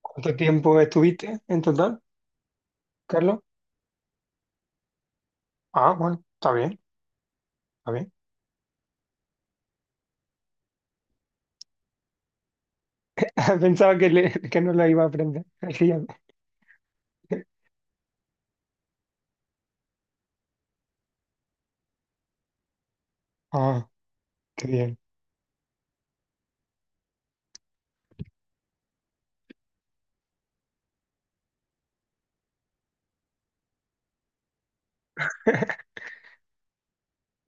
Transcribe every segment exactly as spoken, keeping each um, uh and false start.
¿Cuánto tiempo estuviste en total, Carlos? Ah, bueno, está bien, está bien. Pensaba que, le- que no la iba a aprender. Así. Ah, qué bien.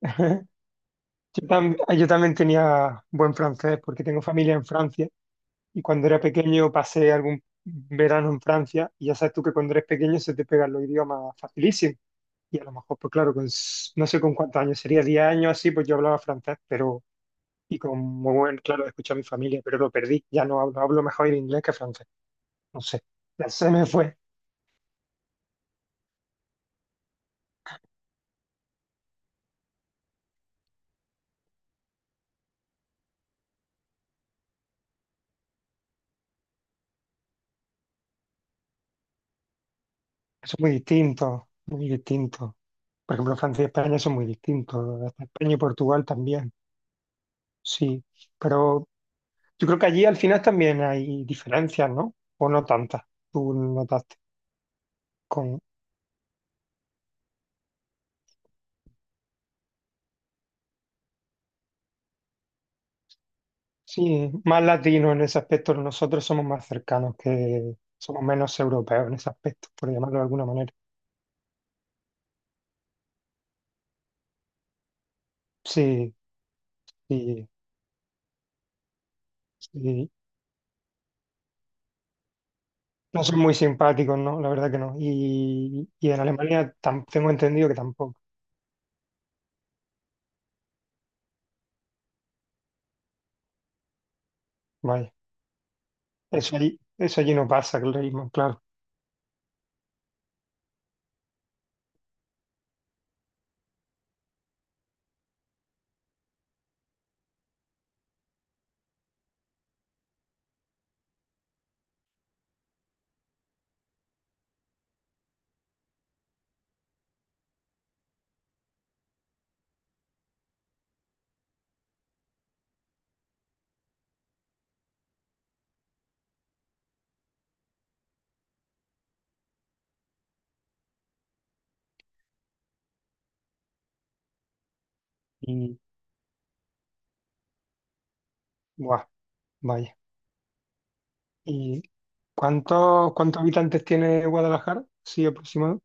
Yo, tam- yo también tenía buen francés porque tengo familia en Francia y cuando era pequeño pasé algún verano en Francia y ya sabes tú que cuando eres pequeño se te pegan los idiomas facilísimo. Y a lo mejor, pues claro, con, s- no sé con cuántos años, sería diez años así, pues yo hablaba francés, pero y con muy buen, claro, escuché a mi familia, pero lo perdí. Ya no hablo, hablo mejor el inglés que francés. No sé, se me fue. Son muy distintos, muy distintos. Por ejemplo, Francia y España son muy distintos, hasta España y Portugal también, sí. Pero yo creo que allí al final también hay diferencias, ¿no? O no tantas, tú notaste. Con, sí, más latinos en ese aspecto, nosotros somos más cercanos que, somos menos europeos en ese aspecto, por llamarlo de alguna manera. Sí, sí, sí. No son muy simpáticos, ¿no? La verdad que no. Y, y en Alemania tam- tengo entendido que tampoco. Vaya. Eso allí, eso allí no pasa, el ritmo, claro. Y, buah, vaya. ¿Y cuántos, cuántos habitantes tiene Guadalajara? Sí, aproximado.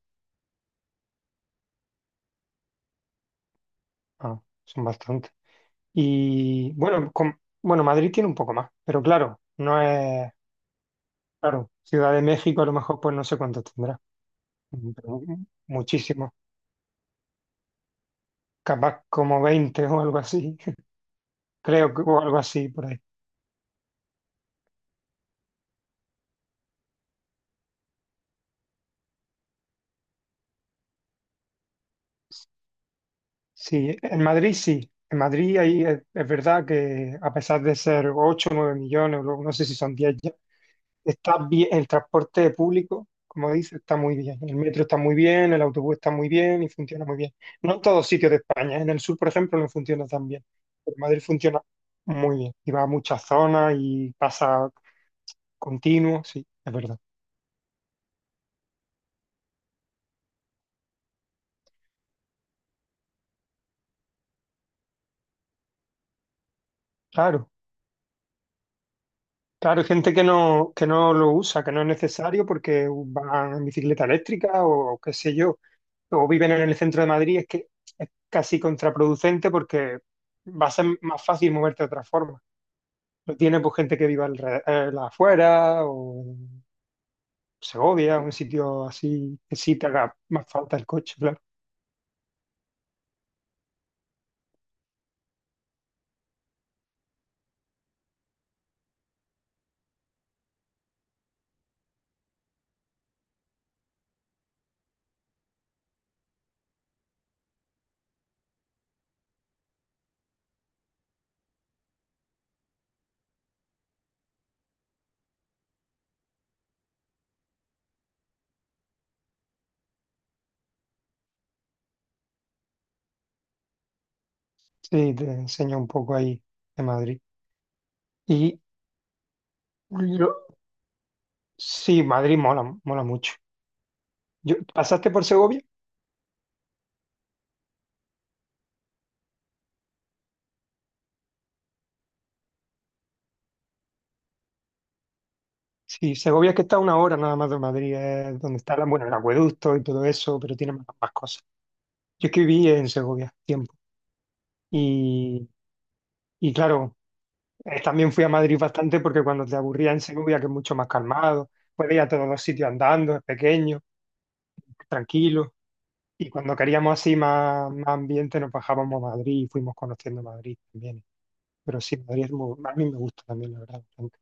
Ah, son bastantes. Y bueno, con- bueno, Madrid tiene un poco más, pero claro, no es, claro, Ciudad de México a lo mejor pues no sé cuántos tendrá, pero muchísimos, capaz como veinte o algo así, creo que o algo así por ahí. Sí, en Madrid sí. En Madrid ahí es, es verdad que a pesar de ser ocho o nueve millones, o luego no sé si son diez. Está bien, el transporte público, como dice, está muy bien. El metro está muy bien, el autobús está muy bien y funciona muy bien. No en todos sitios de España, ¿eh? En el sur, por ejemplo, no funciona tan bien. Pero Madrid funciona muy bien y va a muchas zonas y pasa continuo, sí, es verdad. Claro, claro, hay gente que no, que no lo usa, que no es necesario porque van en bicicleta eléctrica o qué sé yo, o viven en el centro de Madrid, es que es casi contraproducente porque va a ser más fácil moverte de otra forma. Lo tiene pues gente que viva alre- eh, la afuera o en Segovia, un sitio así que sí te haga más falta el coche, claro. Sí, te enseña un poco ahí de Madrid. Y lo- sí, Madrid mola, mola mucho. Yo, ¿pasaste por Segovia? Sí, Segovia es que está a una hora nada más de Madrid, es donde está la- bueno, el acueducto y todo eso, pero tiene más, más cosas. Yo es que viví en Segovia tiempo y, y claro. Eh, también fui a Madrid bastante porque cuando te aburría en Segovia, que es mucho más calmado, puedes ir a todos los sitios andando, es pequeño, tranquilo. Y cuando queríamos así más, más ambiente, nos bajábamos a Madrid y fuimos conociendo Madrid también. Pero sí, Madrid es muy- a mí me gusta también, la verdad. Bastante.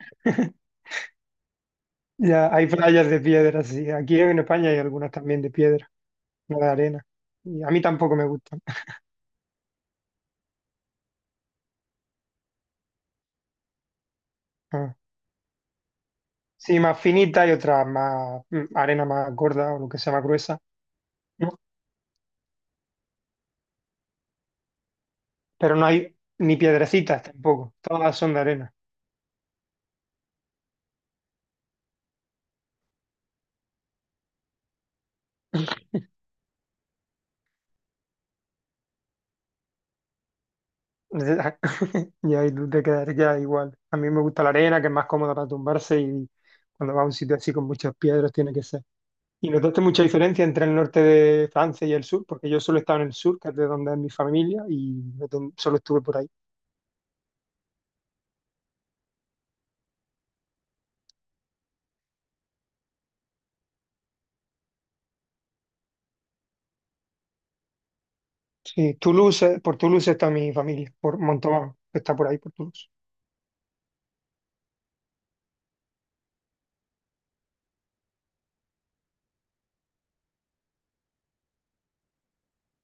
Ya hay playas de piedra, sí. Aquí en España hay algunas también de piedra, no de arena. Y a mí tampoco me gustan. Ah. Sí, más finita y otras más mm, arena más gorda o lo que sea más gruesa. Pero no hay ni piedrecitas tampoco, todas son de arena. Y ahí tú te quedas igual. A mí me gusta la arena, que es más cómoda para tumbarse y cuando vas a un sitio así con muchas piedras tiene que ser. Y notaste mucha diferencia entre el norte de Francia y el sur, porque yo solo he estado en el sur, que es de donde es mi familia, y no ten- solo estuve por ahí. Sí, Toulouse, por Toulouse está mi familia, por Montauban, que está por ahí, por Toulouse.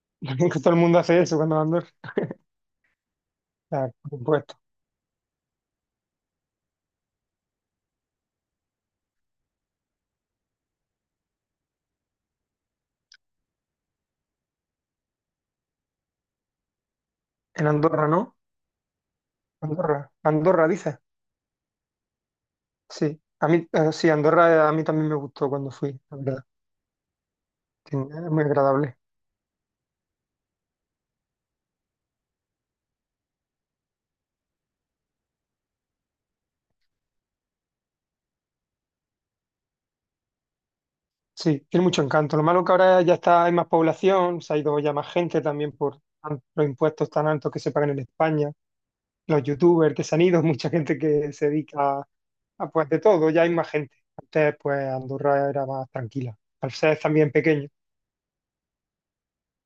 Que todo el mundo hace eso cuando va a Andorra. Claro, por supuesto. En Andorra, ¿no? Andorra, Andorra, dices. Sí, a mí, eh, sí, Andorra a mí también me gustó cuando fui, la verdad. Tiene- Es muy agradable. Sí, tiene mucho encanto. Lo malo que ahora ya está, hay más población, se ha ido ya más gente también por tan- los impuestos tan altos que se pagan en España, los youtubers que se han ido, mucha gente que se dedica a, a, pues de todo, ya hay más gente. Antes pues Andorra era más tranquila, al ser también pequeño,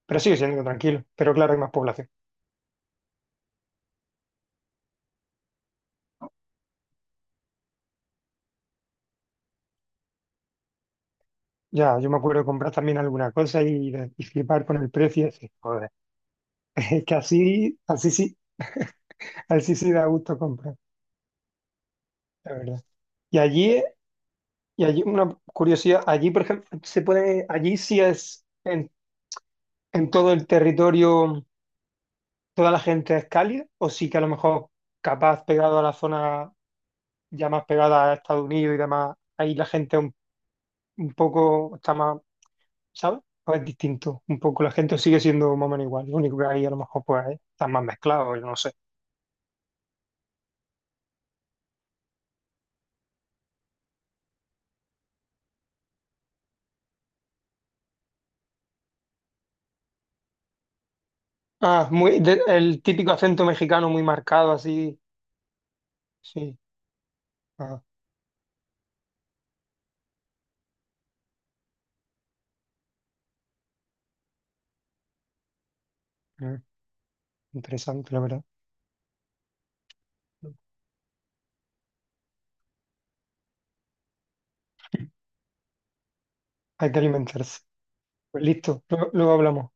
pero sigue siendo tranquilo, pero claro, hay más población. Ya, yo me acuerdo de comprar también alguna cosa y, de- y flipar con el precio y decir, joder. Es que así, así sí. A él sí sí da gusto comprar, la verdad. Y allí, y allí una curiosidad, allí por ejemplo, se puede, allí sí es en, en, todo el territorio, toda la gente es cálida, o sí que a lo mejor capaz pegado a la zona ya más pegada a Estados Unidos y demás, ahí la gente un, un poco está más, ¿sabes? O es distinto, un poco la gente sigue siendo más o menos igual, lo único que ahí a lo mejor pues están más mezclados, yo no sé. Ah, muy, de- el típico acento mexicano muy marcado así, sí. Ah, interesante, la verdad. Hay que alimentarse. Pues listo, luego luego hablamos.